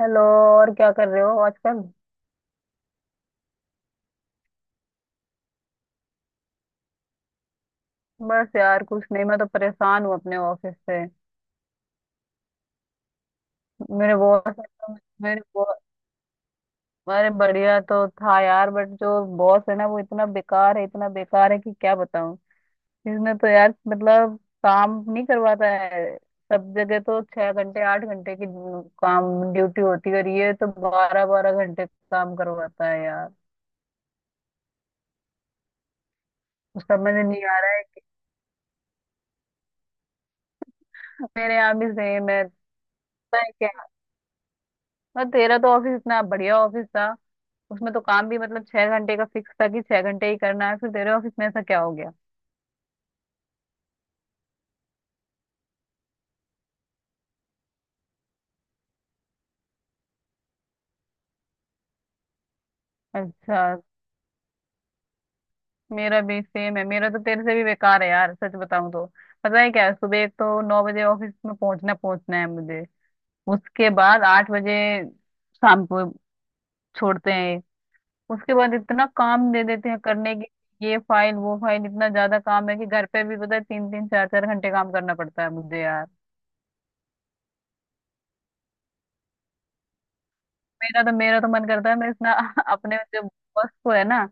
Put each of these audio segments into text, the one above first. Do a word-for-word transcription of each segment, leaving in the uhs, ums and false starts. Hello. और क्या कर रहे हो आजकल? बस यार कुछ नहीं, मैं तो परेशान हूँ अपने ऑफिस से। मेरे बॉस। मेरे बॉस। अरे बढ़िया तो था यार, बट जो बॉस है ना, वो इतना बेकार है, इतना बेकार है कि क्या बताऊँ। इसने तो यार मतलब काम नहीं करवाता है। सब जगह तो छह घंटे आठ घंटे की काम ड्यूटी होती है, और ये तो बारह बारह घंटे काम करवाता है यार। समझ नहीं आ रहा है कि मेरे यहाँ भी सेम है। पता है क्या, और तेरा तो ऑफिस इतना बढ़िया ऑफिस था। उसमें तो काम भी मतलब छह घंटे का फिक्स था कि छह घंटे ही करना है, फिर तेरे ऑफिस में ऐसा क्या हो गया? अच्छा, मेरा भी सेम है, मेरा तो तेरे से भी बेकार है यार सच बताऊं तो। पता है क्या है, सुबह एक तो नौ बजे ऑफिस में पहुंचना पहुंचना है मुझे। उसके बाद आठ बजे शाम को छोड़ते हैं। उसके बाद इतना काम दे देते हैं करने के, ये फाइल वो फाइल, इतना ज्यादा काम है कि घर पे भी पता है तीन तीन चार चार घंटे काम करना पड़ता है मुझे यार। मेरा तो मेरा तो मन करता है मैं इतना अपने जो बॉस को है ना,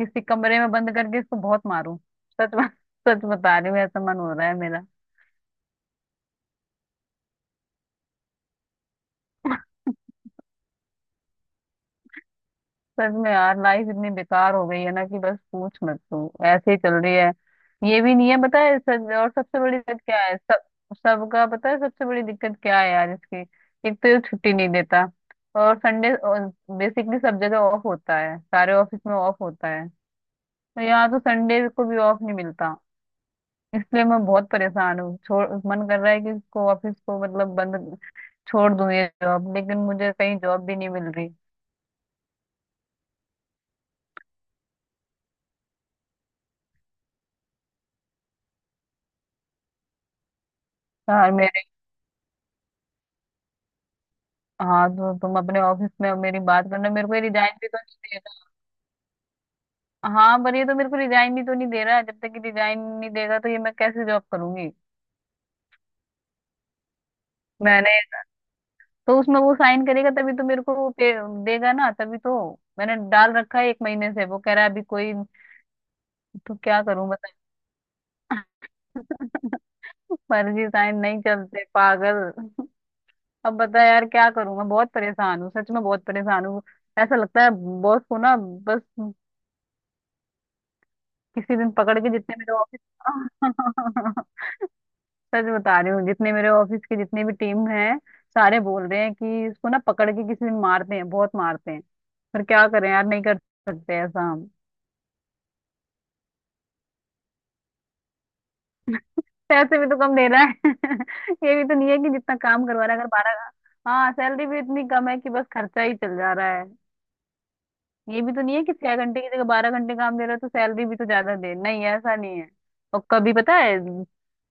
किसी कमरे में बंद करके इसको बहुत मारूं। सच में। सच बता रही हूँ, ऐसा मन हो रहा है मेरा। सच में यार, लाइफ इतनी बेकार हो गई है ना कि बस पूछ मत, तू ऐसे ही चल रही है। ये भी नहीं है पता है सच, और सबसे बड़ी दिक्कत क्या है सब, सबका पता है सबसे बड़ी दिक्कत क्या है यार इसकी। एक तो ये छुट्टी नहीं देता, और संडे बेसिकली सब जगह ऑफ होता है, सारे ऑफिस में ऑफ होता है, तो यहाँ तो संडे को भी ऑफ नहीं मिलता। इसलिए मैं बहुत परेशान हूँ, छोड़ मन कर रहा है कि इसको ऑफिस को मतलब बंद छोड़ दूंगी जॉब, लेकिन मुझे कहीं जॉब भी नहीं मिल रही। यार मेरे, हाँ तो तुम अपने ऑफिस में मेरी बात करना, मेरे को ये रिजाइन भी तो नहीं दे रहा। हाँ पर ये तो मेरे को रिजाइन भी तो नहीं दे रहा है, जब तक कि रिजाइन नहीं देगा तो ये मैं कैसे जॉब करूंगी। मैंने, तो उसमें वो साइन करेगा तभी तो मेरे को वो पे देगा ना तभी तो। मैंने डाल रखा है एक महीने से, वो कह रहा है अभी कोई। तो क्या करूं बता। फर्जी साइन नहीं चलते पागल। अब बता यार क्या करूं, मैं बहुत परेशान हूँ सच में, बहुत परेशान हूँ। ऐसा लगता है बॉस को ना, बस किसी दिन पकड़ के जितने मेरे ऑफिस सच बता रही हूँ, जितने मेरे ऑफिस के जितने भी टीम हैं सारे बोल रहे हैं कि इसको ना पकड़ के किसी दिन मारते हैं, बहुत मारते हैं। पर क्या करें यार, नहीं कर सकते ऐसा हम। पैसे भी तो कम दे रहा है। ये भी तो नहीं है कि जितना काम करवा रहा है, अगर बारह। हाँ, सैलरी भी इतनी कम है कि बस खर्चा ही चल जा रहा है। ये भी तो नहीं है कि छह घंटे की जगह बारह घंटे काम दे रहे हो तो सैलरी भी तो ज्यादा दे, नहीं ऐसा नहीं है। और कभी पता है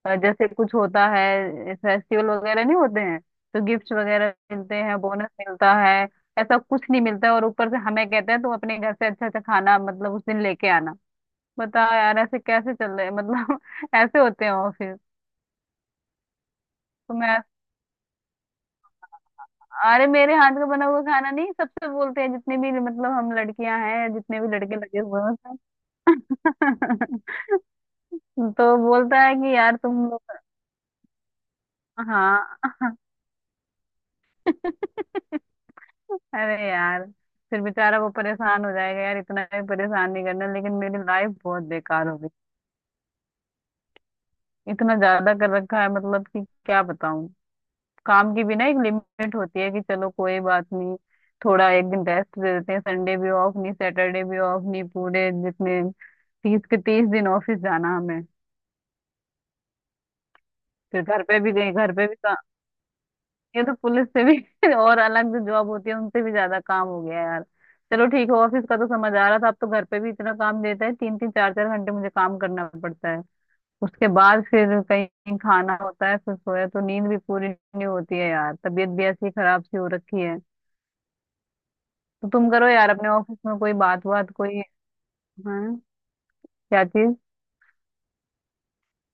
अ, जैसे कुछ होता है फेस्टिवल वगैरह, नहीं होते हैं तो गिफ्ट वगैरह मिलते हैं, बोनस मिलता है। ऐसा कुछ नहीं मिलता है, और ऊपर से हमें कहते हैं तुम अपने घर से अच्छा अच्छा खाना मतलब उस दिन लेके आना। बताओ यार ऐसे कैसे चल रहे हैं मतलब। ऐसे होते हैं ऑफिस? तो मैं, अरे मेरे हाथ का बना हुआ खाना नहीं, सबसे बोलते हैं जितने भी मतलब हम लड़कियां हैं जितने भी लड़के लगे हुए हैं सब। तो बोलता है कि यार तुम लोग। हाँ अरे यार, फिर बेचारा वो परेशान हो जाएगा यार, इतना भी परेशान नहीं करना, लेकिन मेरी लाइफ बहुत बेकार हो गई। इतना ज्यादा कर रखा है मतलब कि क्या बताऊं। काम की भी ना एक लिमिट होती है, कि चलो कोई बात नहीं थोड़ा एक दिन रेस्ट दे देते हैं, संडे भी ऑफ नहीं, सैटरडे भी ऑफ नहीं, पूरे जितने तीस के तीस दिन ऑफिस जाना हमें। फिर घर पे भी गए, घर पे भी का- ये तो पुलिस से भी और अलग जो जॉब होती है उनसे भी ज्यादा काम हो गया है यार। चलो ठीक है ऑफिस का तो समझ आ रहा था, अब तो घर पे भी इतना काम देता है तीन तीन चार चार घंटे मुझे काम करना पड़ता है। उसके बाद फिर कहीं खाना होता है, फिर सोया तो नींद भी पूरी नहीं होती है यार, तबीयत भी ऐसी खराब सी हो रखी है। तो तुम करो यार अपने ऑफिस में कोई बात, बात कोई। हाँ, क्या चीज?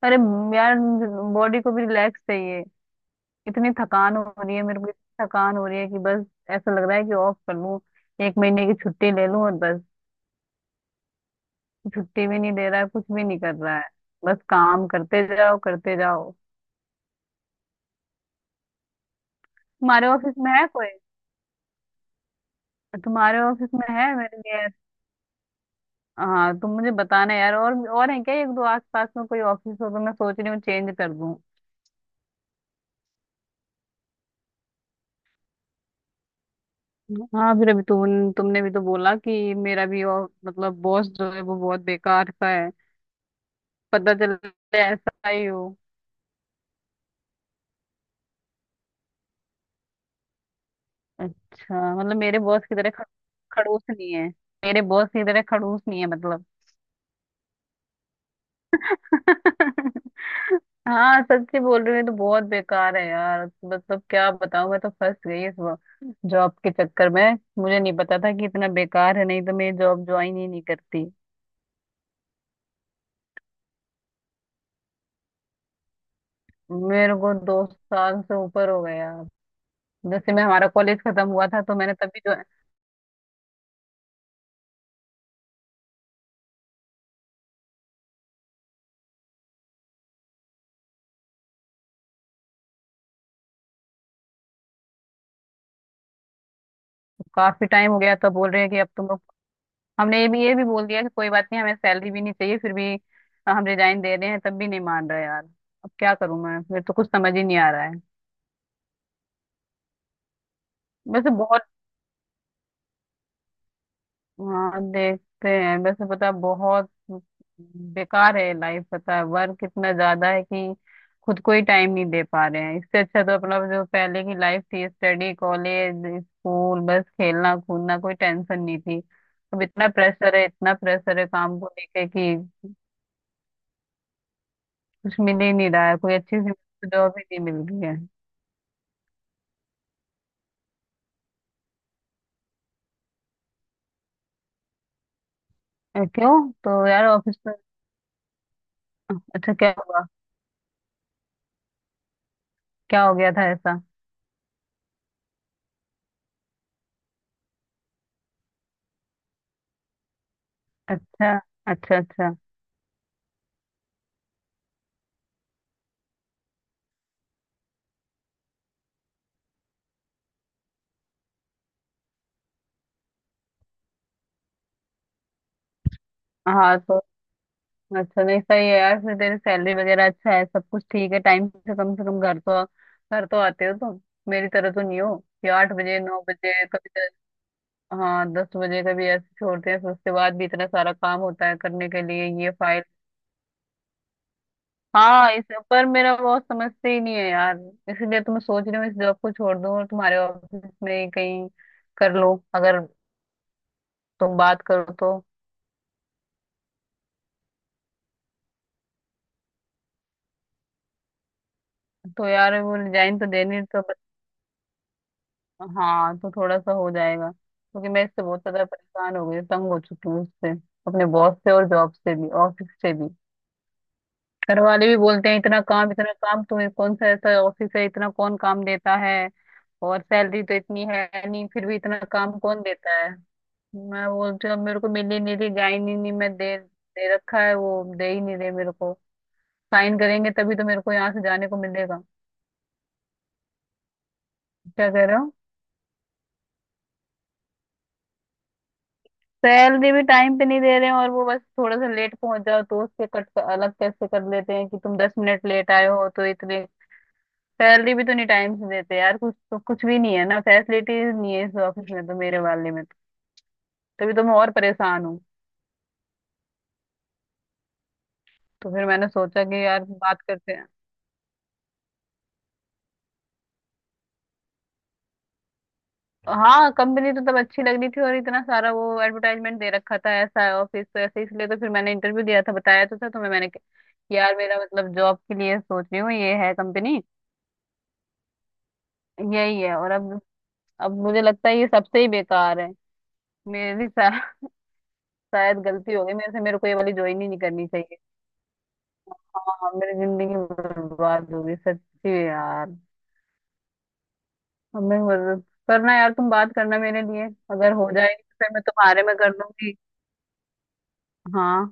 अरे म, यार, बॉडी को भी रिलैक्स चाहिए। इतनी थकान हो रही है मेरे को, इतनी थकान हो रही है कि बस ऐसा लग रहा है कि ऑफ कर लूं, एक महीने की छुट्टी ले लूं और बस। छुट्टी भी नहीं दे रहा है, कुछ भी नहीं कर रहा है, बस काम करते जाओ करते जाओ। तुम्हारे ऑफिस में है कोई? तुम्हारे ऑफिस में है मेरे लिए? हाँ तुम मुझे बताना यार, और और है क्या एक दो आस पास में कोई ऑफिस, हो तो मैं सोच रही हूँ चेंज कर दूं। हाँ फिर अभी तुम, तुमने भी तो बोला कि मेरा भी और मतलब बॉस जो है वो बहुत बेकार सा है। पता चल ऐसा ही हो। अच्छा मतलब मेरे बॉस की तरह ख- खड़ूस नहीं है? मेरे बॉस की तरह खड़ूस नहीं है मतलब। हाँ सच्ची बोल रही हूँ, ये तो बहुत बेकार है यार, मतलब क्या बताऊँ, मैं तो फंस गई इस जॉब के चक्कर में। मुझे नहीं पता था कि इतना बेकार है, नहीं तो मैं जॉब ज्वाइन ही नहीं करती। मेरे को दो साल से ऊपर हो गया। जैसे मैं, हमारा कॉलेज खत्म हुआ था तो मैंने तभी जो काफी टाइम हो गया तो बोल रहे हैं कि अब तुम लोग। हमने ये भी ये भी बोल दिया कि कोई बात नहीं, हमें सैलरी भी नहीं चाहिए, फिर भी हम रिजाइन दे रहे हैं, तब भी नहीं मान रहा यार। अब क्या करूं मैं, मेरे तो कुछ समझ ही नहीं आ रहा है। वैसे बहुत, हाँ देखते हैं वैसे, पता बहुत बेकार है लाइफ, पता है वर्क इतना ज्यादा है कि खुद को ही टाइम नहीं दे पा रहे हैं, इससे अच्छा तो अपना जो पहले की लाइफ थी स्टडी कॉलेज स्कूल, बस खेलना कूदना, कोई टेंशन नहीं थी। अब इतना प्रेशर है, इतना प्रेशर है काम को लेके कि कुछ मिल ही नहीं रहा है, कोई अच्छी सी जॉब ही नहीं मिल रही है। अ, क्यों? तो यार ऑफिस में, अच्छा क्या हुआ? क्या हो गया था ऐसा? अच्छा, अच्छा अच्छा। हाँ तो अच्छा, नहीं सही है यार, फिर तेरी सैलरी वगैरह अच्छा है, सब कुछ ठीक है, टाइम से कम से कम घर तो, घर तो आते हो तुम। मेरी तरह तो नहीं हो कि आठ बजे नौ बजे कभी दस। हाँ दस बजे कभी ऐसे छोड़ते हैं, फिर उसके बाद भी इतना सारा काम होता है करने के लिए ये फाइल। हाँ इस, पर मेरा बहुत समझते ही नहीं है यार। इसीलिए तो मैं सोच रही हूँ इस जॉब को छोड़ दूँ, और तुम्हारे ऑफिस में ही कहीं कर लो अगर तुम बात करो तो। तो यार वो रिजाइन तो देनी तो प- हाँ तो थोड़ा सा हो जाएगा, क्योंकि मैं इससे बहुत ज्यादा परेशान हो गई, तंग हो चुकी हूँ उससे, अपने बॉस से, और जॉब से भी, ऑफिस से भी। घर वाले भी बोलते हैं इतना काम, इतना काम तुम्हें, कौन सा ऐसा ऑफिस है इतना कौन काम देता है, और सैलरी तो इतनी है नहीं, फिर भी इतना काम कौन देता है। मैं बोलती हूँ अब मेरे को मिली नहीं, रही जा ही नहीं, नहीं मैं दे दे रखा है, वो दे ही नहीं रहे मेरे को, साइन करेंगे तभी तो मेरे को यहाँ से जाने को मिलेगा। क्या कह रहे हो? सैलरी भी टाइम पे नहीं दे रहे हैं, और वो बस थोड़ा सा लेट पहुंच जाओ तो उससे कट अलग कैसे कर लेते हैं कि तुम दस मिनट लेट आए हो तो इतने, सैलरी भी तो नहीं टाइम से देते यार, कुछ तो कुछ भी नहीं है ना, फैसिलिटीज नहीं है इस ऑफिस में तो, मेरे वाले में तो। तभी तो मैं और परेशान हूँ। तो फिर मैंने सोचा कि यार बात करते हैं। हाँ कंपनी तो तब अच्छी लग रही थी, और इतना सारा वो एडवर्टाइजमेंट दे रखा था ऐसा है ऑफिस तो ऐसे, इसलिए तो फिर मैंने इंटरव्यू दिया था, बताया तो था तुम्हें मैंने कि यार मेरा मतलब जॉब के लिए सोच रही हूँ ये है कंपनी। यही है, और अब अब मुझे लगता है ये सबसे ही बेकार है। मेरी सा, शायद गलती हो गई मेरे से, मेरे को ये वाली ज्वाइन ही नहीं करनी चाहिए। हाँ मेरी जिंदगी बर्बाद हो गई सच्ची में यार। अब मैं और- करना यार, तुम बात करना मेरे लिए, अगर हो जाए तो फिर मैं तुम्हारे में कर दूंगी। हाँ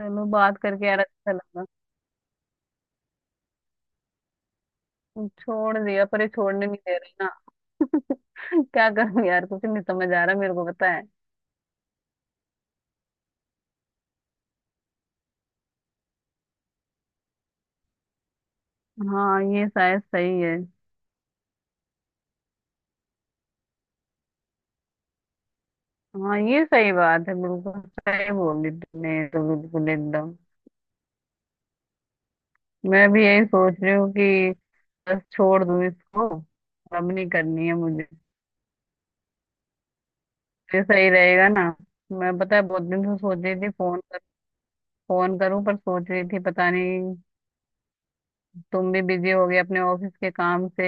चलो बात करके यार अच्छा लगा। छोड़ दिया, पर ये छोड़ने नहीं दे रही ना। क्या करूं यार, कुछ नहीं समझ आ रहा मेरे को पता है। हाँ ये शायद सही है। हाँ ये सही बात है, बिल्कुल सही बोली तुमने, ये तो बिल्कुल एकदम। मैं भी यही सोच रही हूँ कि बस छोड़ दूं इसको, अब नहीं करनी है मुझे। ये सही रहेगा ना। मैं पता है बहुत दिन से सोच रही थी फोन कर, फोन करूं पर सोच रही थी पता नहीं तुम भी बिजी हो गए अपने ऑफिस के काम से।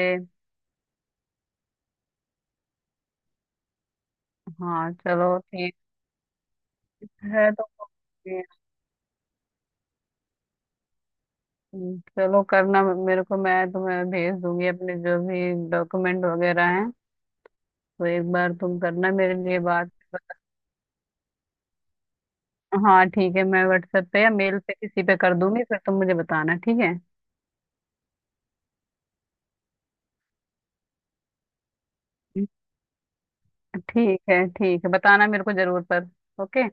हाँ चलो ठीक है तो। हम्म, चलो करना मेरे को, मैं तुम्हें भेज दूंगी अपने जो भी डॉक्यूमेंट वगैरह हैं, तो एक बार तुम करना मेरे लिए बात। हाँ ठीक है, मैं व्हाट्सएप पे या मेल पे किसी पे कर दूंगी, फिर तुम मुझे बताना। ठीक है ठीक है, ठीक है बताना मेरे को जरूर पर। ओके।